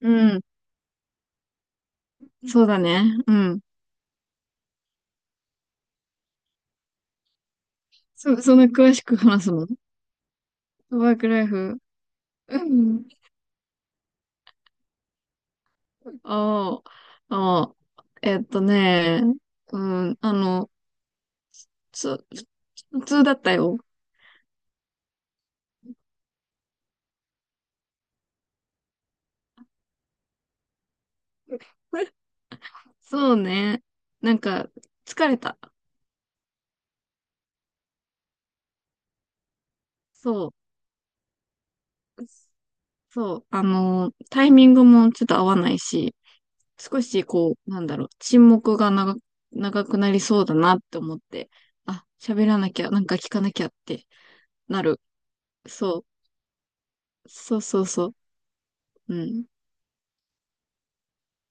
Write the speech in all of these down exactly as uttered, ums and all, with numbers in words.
うん。そうだね。うん。そ、そんな詳しく話すの？ワークライフ。うん。ああ、ああ、えっとね、うん、あの、つ、普通だったよ。そうね。なんか、疲れた。そう。そう。あの、タイミングもちょっと合わないし、少しこう、なんだろう、沈黙が長、長くなりそうだなって思って、あ、喋らなきゃ、なんか聞かなきゃってなる。そう。そうそうそう。うん。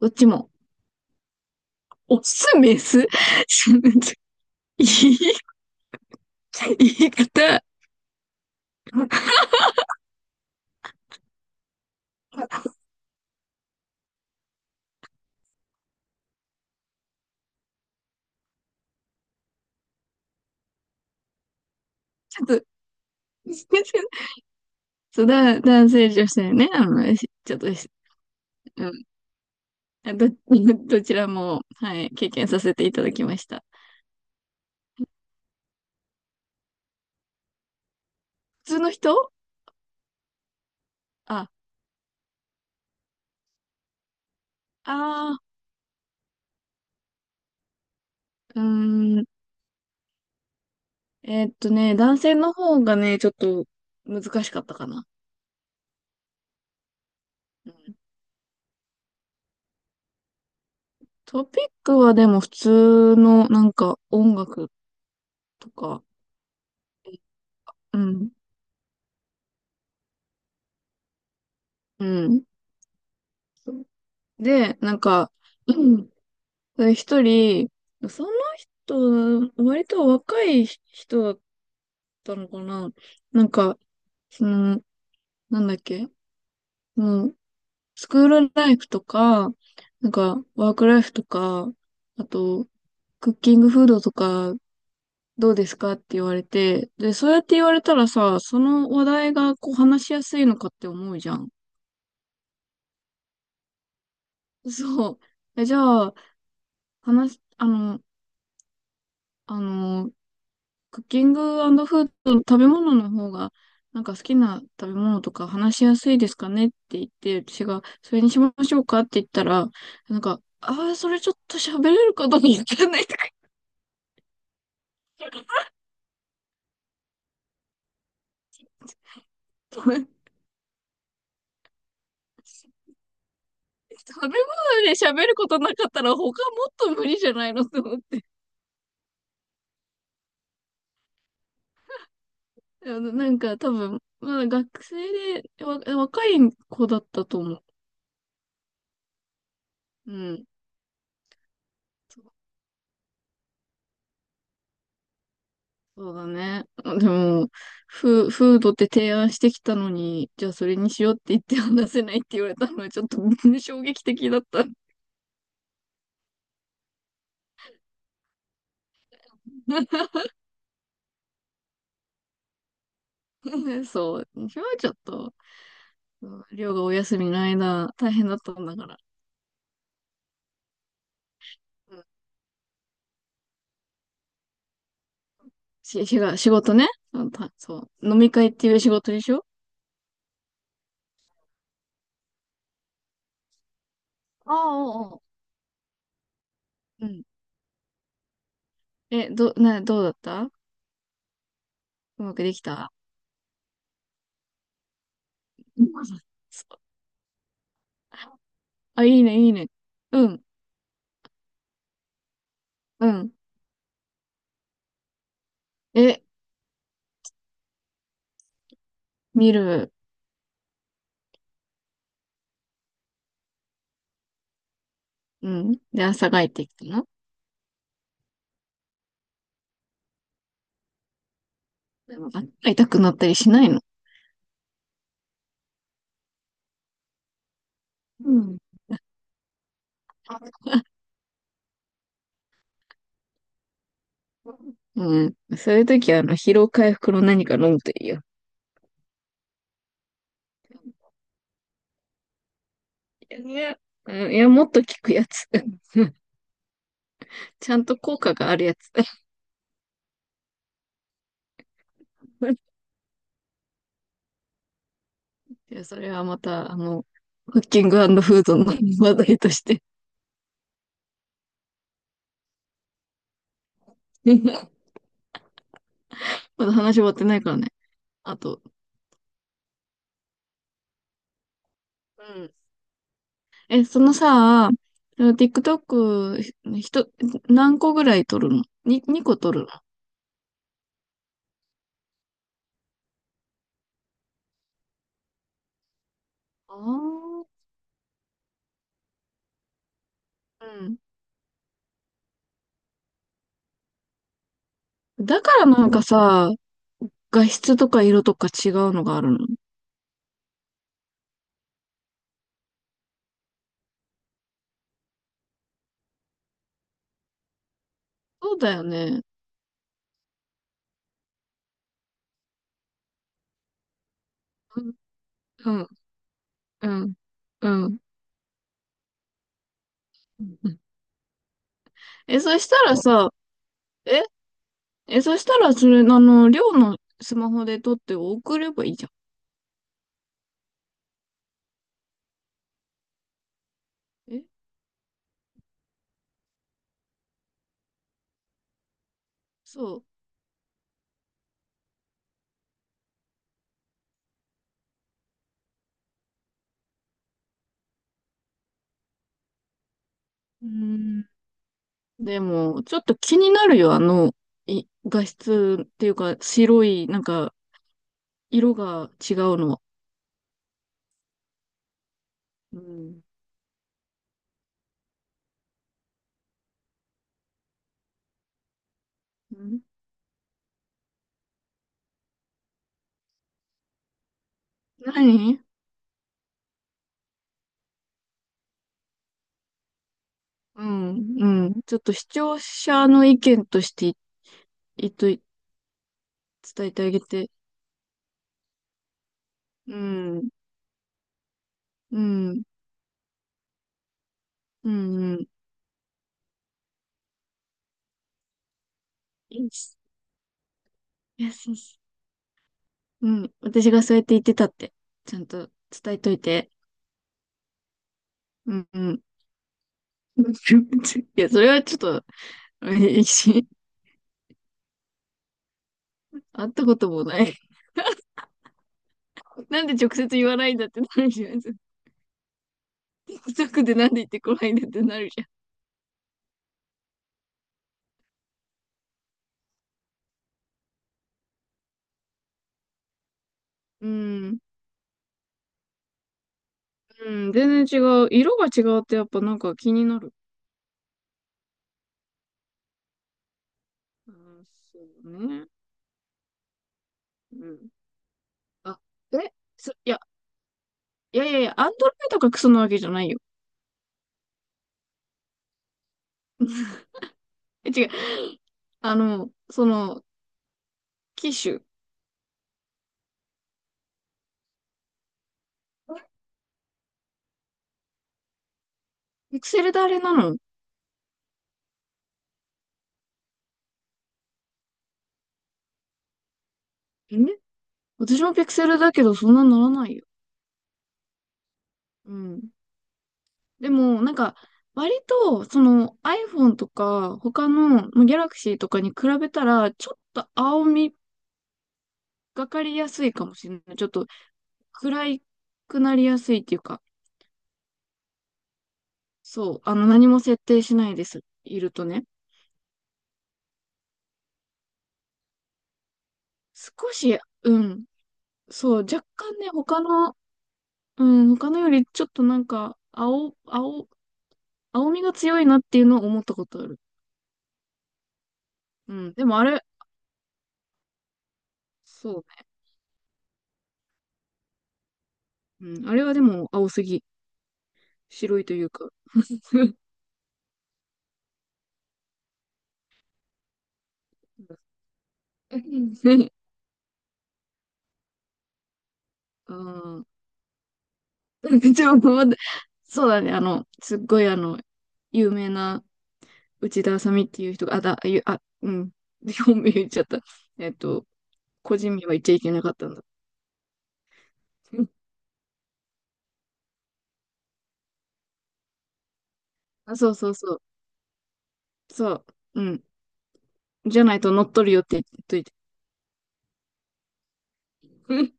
どっちも。オス、メス 言い、言い方。ちょっと、そう、だ、男性、女性ね。あの、しちょっとし、うん。あど、どちらも、はい、経験させていただきました。普通の人。あ、あー、うーん。えーっとね、男性の方がね、ちょっと難しかったかな。うん、トピックはでも普通の、なんか、音楽とか、うん。うん。で、なんか、うん、で一人、その人、割と若い人だったのかな。なんか、その、なんだっけ、もう、スクールライフとか、なんか、ワークライフとか、あと、クッキングフードとか、どうですかって言われて、で、そうやって言われたらさ、その話題がこう話しやすいのかって思うじゃん。そう。え、じゃあ、話、あの、あの、クッキングフード、食べ物の方が、なんか好きな食べ物とか話しやすいですかねって言って、私が、それにしましょうかって言ったら、なんか、ああ、それちょっと喋れるかどうかわかんないとか言って、食べ物で喋ることなかったら他もっと無理じゃないのと思って。あの、なんか多分、まだ学生で、わ、若い子だったと思う。うん。そうだね。でも、フー、フードって提案してきたのに、じゃあそれにしようって言って話せないって言われたのはちょっと 衝撃的だった。そう。それはちょっと、うん、りょうがお休みの間、大変だったんだから。うん、し、しが、仕事ね。うん、たそう。飲み会っていう仕事でしょ？ああ、あうおううん。え、ど、な、どうだった？うまくできた？うん。そう。あ、いいね、いいね。うん、うん。え、見る。うん。で、朝帰ってきたの？でも痛くなったりしないの？うん。うん。そういう時は、あの、疲労回復の何か飲むといいよ。いや、うん、いや、もっと効くやつ。ちゃんと効果があるやつ。いや、それはまた、あの、クッキングフードの話題として。まだ話終わってないからね。あと、うん。え、そのさ、その ティックトック、ひと、何個ぐらい撮るの？ に、にこ撮るの？ああー。うん。だからなんかさ、画質とか色とか違うのがあるの？そうだよね。うん、うん、うん、うん。え、そしたらさ、え、え、そしたらそれ、あの、寮のスマホで撮って送ればいいじゃん。え、そう。うーん。でも、ちょっと気になるよ、あの、い、画質っていうか、白い、なんか、色が違うのは。うん。うん。何？うん、うん。ちょっと視聴者の意見として、い、いと、伝えてあげて。うん、うん、うん、うん。よし、よし、よし。うん、私がそうやって言ってたって、ちゃんと伝えといて。うん、うん。いや、それはちょっと、えし 会ったこともない。なんで直接言わないんだってなるじゃん。近くでなんで言ってこないんだってなるじゃん。うん、うん、全然違う。色が違うってやっぱなんか気になる。うん、そうね。うん。あ、え、そ、いや、いやいやいや、アンドロイドがクソなわけじゃないよ。え、違う。あの、その、機種。ピクセルであれなの？え、私もピクセルだけど、そんなならないよ。うん。でも、なんか、割と、その アイフォン とか、他の、まあ、ギャラクシー とかに比べたら、ちょっと青みがかりやすいかもしれない。ちょっと暗いくなりやすいっていうか、そう、あの、何も設定しないです。いるとね。少し、うん、そう、若干ね、他の、うん、他のよりちょっとなんか、青、青青みが強いなっていうのは思ったことある。うん。でもあれ、そうね。うん。あれはでも青すぎ。白いというか。ね。うん。でもまだそうだね。あの、すっごいあの、有名な内田あさみっていう人が、あ、だ、あゆ、あ、うん。本名言っちゃった。えっと、個人名は言っちゃいけなかったんだ。あ、そうそうそう。そう。うん。じゃないと乗っ取るよって言っといて。うん。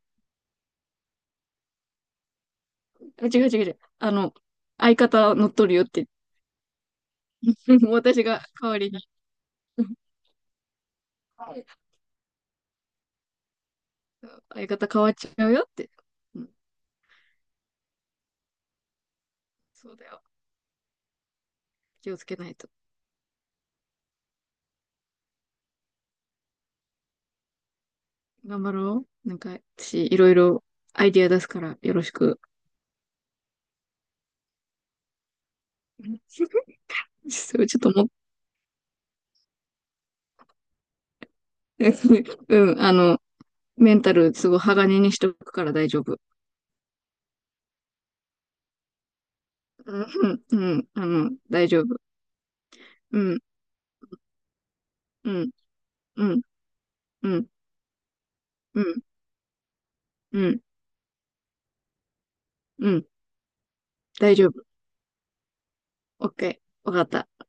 あ、違う違う違う。あの、相方は乗っ取るよって。 私が代わりに。はい、相方変わっちゃうよって。うん、そうだよ。気をつけないと。頑張ろう。なんか、私、いろいろアイディア出すから、よろしく。うん。 そう、ちょっとも、うん、あの、メンタル、すごい鋼にしとくから大丈夫。うん、うん、あの、大丈夫。うん、うん、うん、うん、うん、うん、うん、大丈夫。オッケー。わかった。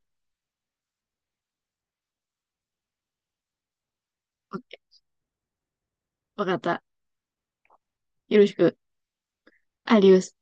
オッケー。わかった。よろしく。アディオス。